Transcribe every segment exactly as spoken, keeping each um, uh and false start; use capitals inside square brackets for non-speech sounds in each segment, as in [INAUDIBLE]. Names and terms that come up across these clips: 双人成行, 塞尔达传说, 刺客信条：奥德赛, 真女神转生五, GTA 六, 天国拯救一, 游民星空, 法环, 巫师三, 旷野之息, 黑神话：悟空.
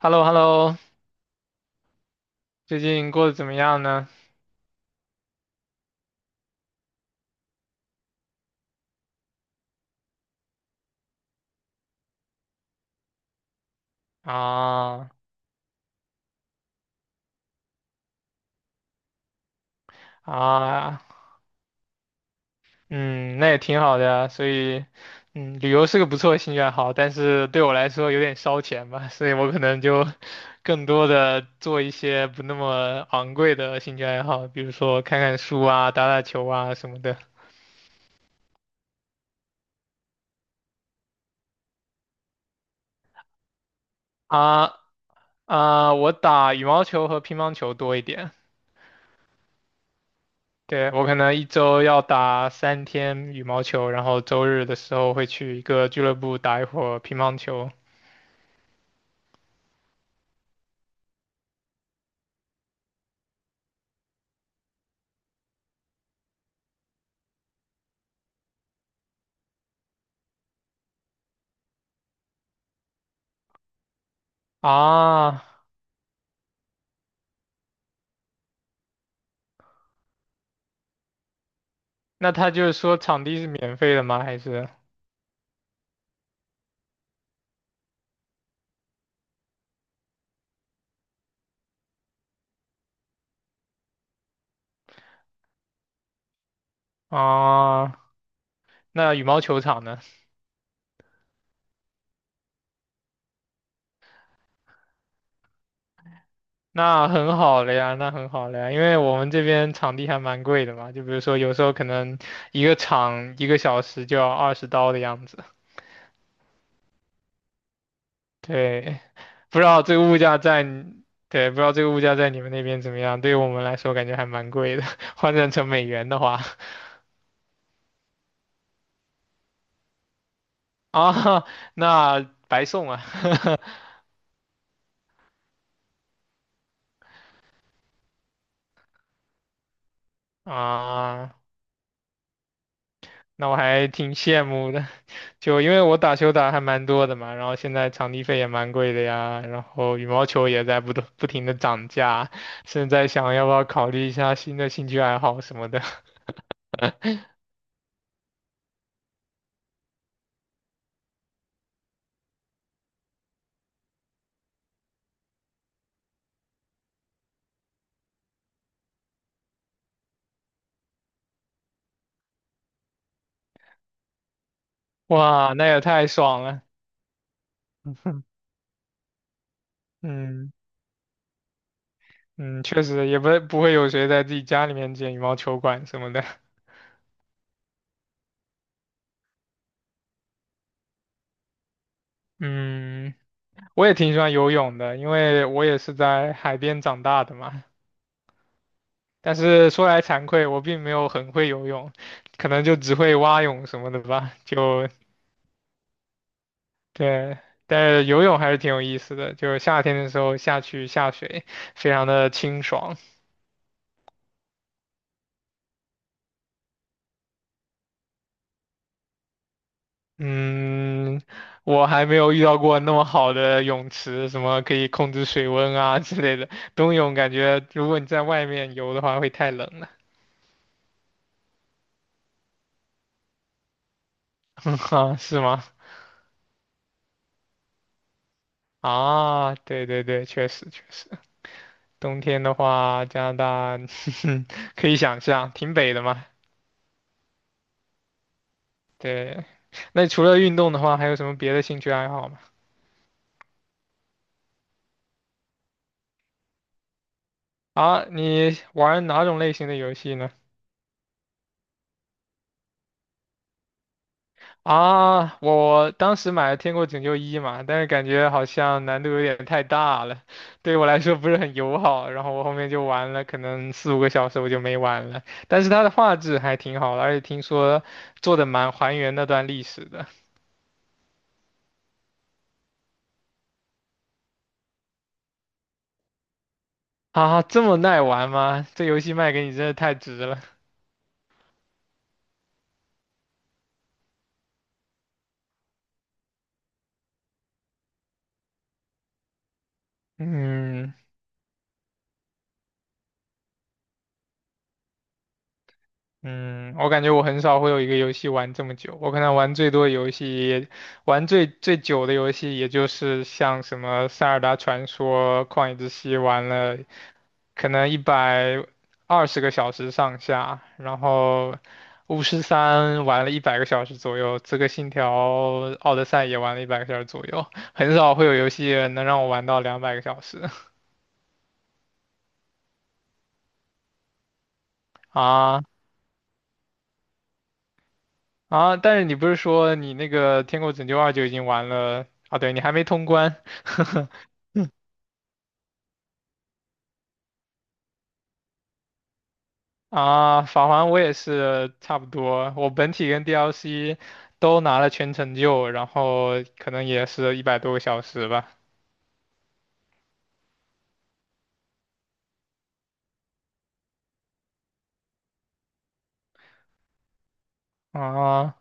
h e l l o h e l l o 最近过得怎么样呢？啊啊，嗯，那也挺好的呀。所以，嗯，旅游是个不错的兴趣爱好，但是对我来说有点烧钱吧，所以我可能就更多的做一些不那么昂贵的兴趣爱好，比如说看看书啊、打打球啊什么的。啊啊，我打羽毛球和乒乓球多一点。对，我可能一周要打三天羽毛球，然后周日的时候会去一个俱乐部打一会儿乒乓球。啊，那他就是说场地是免费的吗？还是啊？那羽毛球场呢？那很好了呀，那很好了呀，因为我们这边场地还蛮贵的嘛，就比如说有时候可能一个场一个小时就要二十刀的样子。对，不知道这个物价在你对，不知道这个物价在你们那边怎么样？对于我们来说，感觉还蛮贵的，[LAUGHS] 换算成美元的话，[LAUGHS] 啊，那白送啊，[LAUGHS] 啊，那我还挺羡慕的，就因为我打球打还蛮多的嘛，然后现在场地费也蛮贵的呀，然后羽毛球也在不断不停的涨价，现在想要不要考虑一下新的兴趣爱好什么的，[LAUGHS] 哇，那也太爽了，[LAUGHS] 嗯。嗯，确实也不不会有谁在自己家里面建羽毛球馆什么的。[LAUGHS] 嗯，我也挺喜欢游泳的，因为我也是在海边长大的嘛。但是说来惭愧，我并没有很会游泳，可能就只会蛙泳什么的吧。就对，但是游泳还是挺有意思的，就是夏天的时候下去下水，非常的清爽。嗯，我还没有遇到过那么好的泳池，什么可以控制水温啊 [LAUGHS] 之类的。冬泳感觉如果你在外面游的话会太冷了，[LAUGHS] 啊，是吗？啊，对对对，确实确实，冬天的话，加拿大 [LAUGHS] 可以想象，挺北的嘛。对，那除了运动的话，还有什么别的兴趣爱好吗？啊，你玩哪种类型的游戏呢？啊，我当时买了《天国拯救一》嘛，但是感觉好像难度有点太大了，对我来说不是很友好。然后我后面就玩了，可能四五个小时我就没玩了。但是它的画质还挺好的，而且听说做的蛮还原那段历史的。啊，这么耐玩吗？这游戏卖给你真的太值了。嗯。嗯，我感觉我很少会有一个游戏玩这么久，我可能玩最多的游戏也玩最最久的游戏也就是像什么《塞尔达传说》《旷野之息》玩了可能一百二十个小时上下，然后《巫师三》玩了一百个小时左右，《刺客信条：奥德赛》也玩了一百个小时左右，很少会有游戏能让我玩到两百个小时 [LAUGHS] 啊。啊，但是你不是说你那个《天国拯救二》就已经玩了啊？对，你还没通关。[LAUGHS] 啊，法环我也是差不多，我本体跟 D L C 都拿了全成就，然后可能也是一百多个小时吧。啊，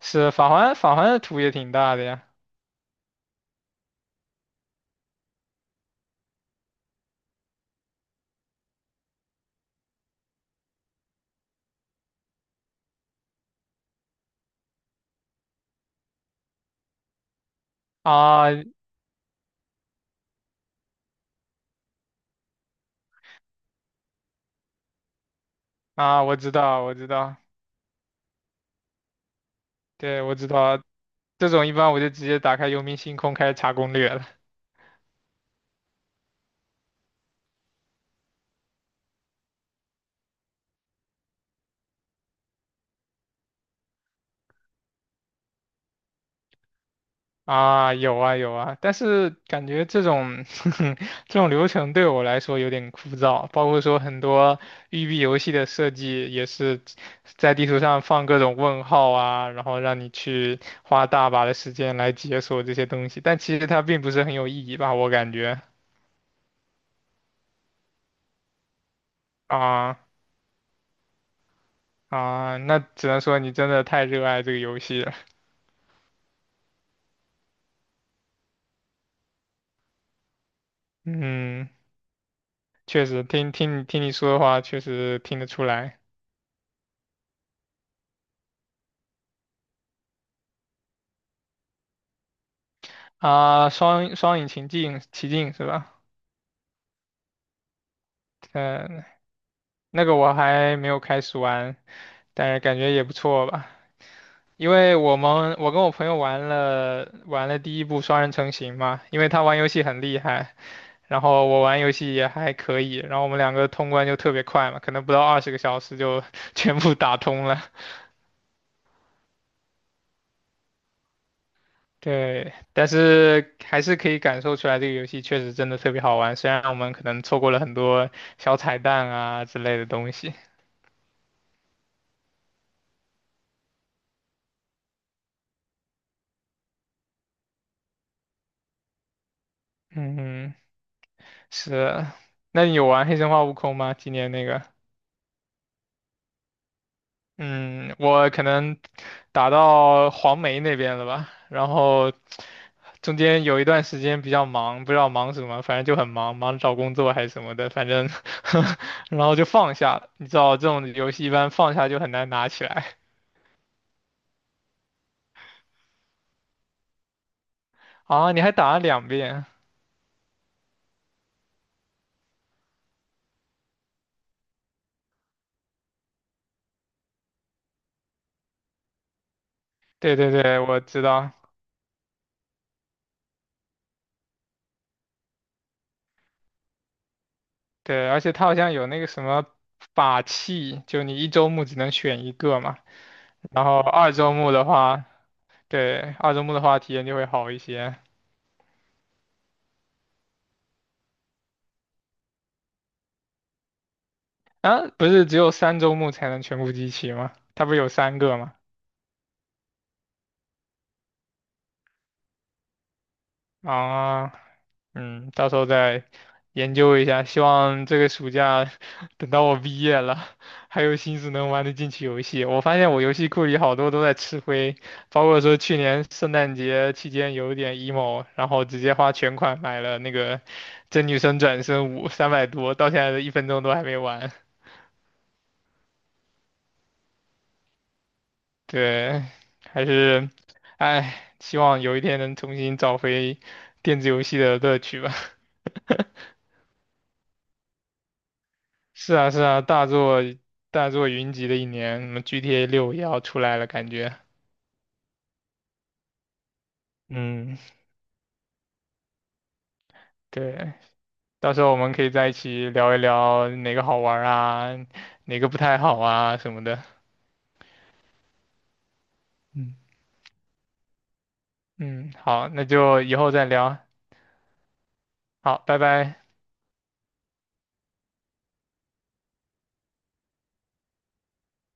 是法环，法环的图也挺大的呀。啊啊，我知道，我知道，对，我知道，这种一般我就直接打开游民星空开始查攻略了。啊，有啊有啊，但是感觉这种 [LAUGHS] 这种流程对我来说有点枯燥，包括说很多育碧游戏的设计也是在地图上放各种问号啊，然后让你去花大把的时间来解锁这些东西，但其实它并不是很有意义吧，我感觉啊啊，那只能说你真的太热爱这个游戏了，嗯，确实听听你听你说的话，确实听得出来啊，双双影情境奇境是吧？嗯，那个我还没有开始玩，但是感觉也不错吧。因为我们我跟我朋友玩了玩了第一部双人成行嘛，因为他玩游戏很厉害，然后我玩游戏也还可以，然后我们两个通关就特别快嘛，可能不到二十个小时就 [LAUGHS] 全部打通了。对，但是还是可以感受出来这个游戏确实真的特别好玩，虽然我们可能错过了很多小彩蛋啊之类的东西。嗯，是啊。那你有玩《黑神话：悟空》吗？今年那个？嗯，我可能打到黄梅那边了吧，然后中间有一段时间比较忙，不知道忙什么，反正就很忙，忙着找工作还是什么的，反正 [LAUGHS] 然后就放下了。你知道这种游戏一般放下就很难拿起来 [LAUGHS] 啊，你还打了两遍？对对对，我知道，对，而且它好像有那个什么法器，就你一周目只能选一个嘛，然后二周目的话，对，二周目的话体验就会好一些。啊，不是只有三周目才能全部集齐吗？它不是有三个吗？啊，嗯，到时候再研究一下，希望这个暑假 [LAUGHS] 等到我毕业了，还有心思能玩得进去游戏。我发现我游戏库里好多都在吃灰，包括说去年圣诞节期间有点 emo，然后直接花全款买了那个《真女神转生五》三百多，到现在的一分钟都还没玩。对，还是，哎，希望有一天能重新找回电子游戏的乐趣吧。[LAUGHS] 是啊，是啊，大作大作云集的一年，什么 G T A 六也要出来了，感觉。嗯，对，到时候我们可以在一起聊一聊哪个好玩儿啊，哪个不太好啊什么的。嗯嗯，好，那就以后再聊。好，拜拜。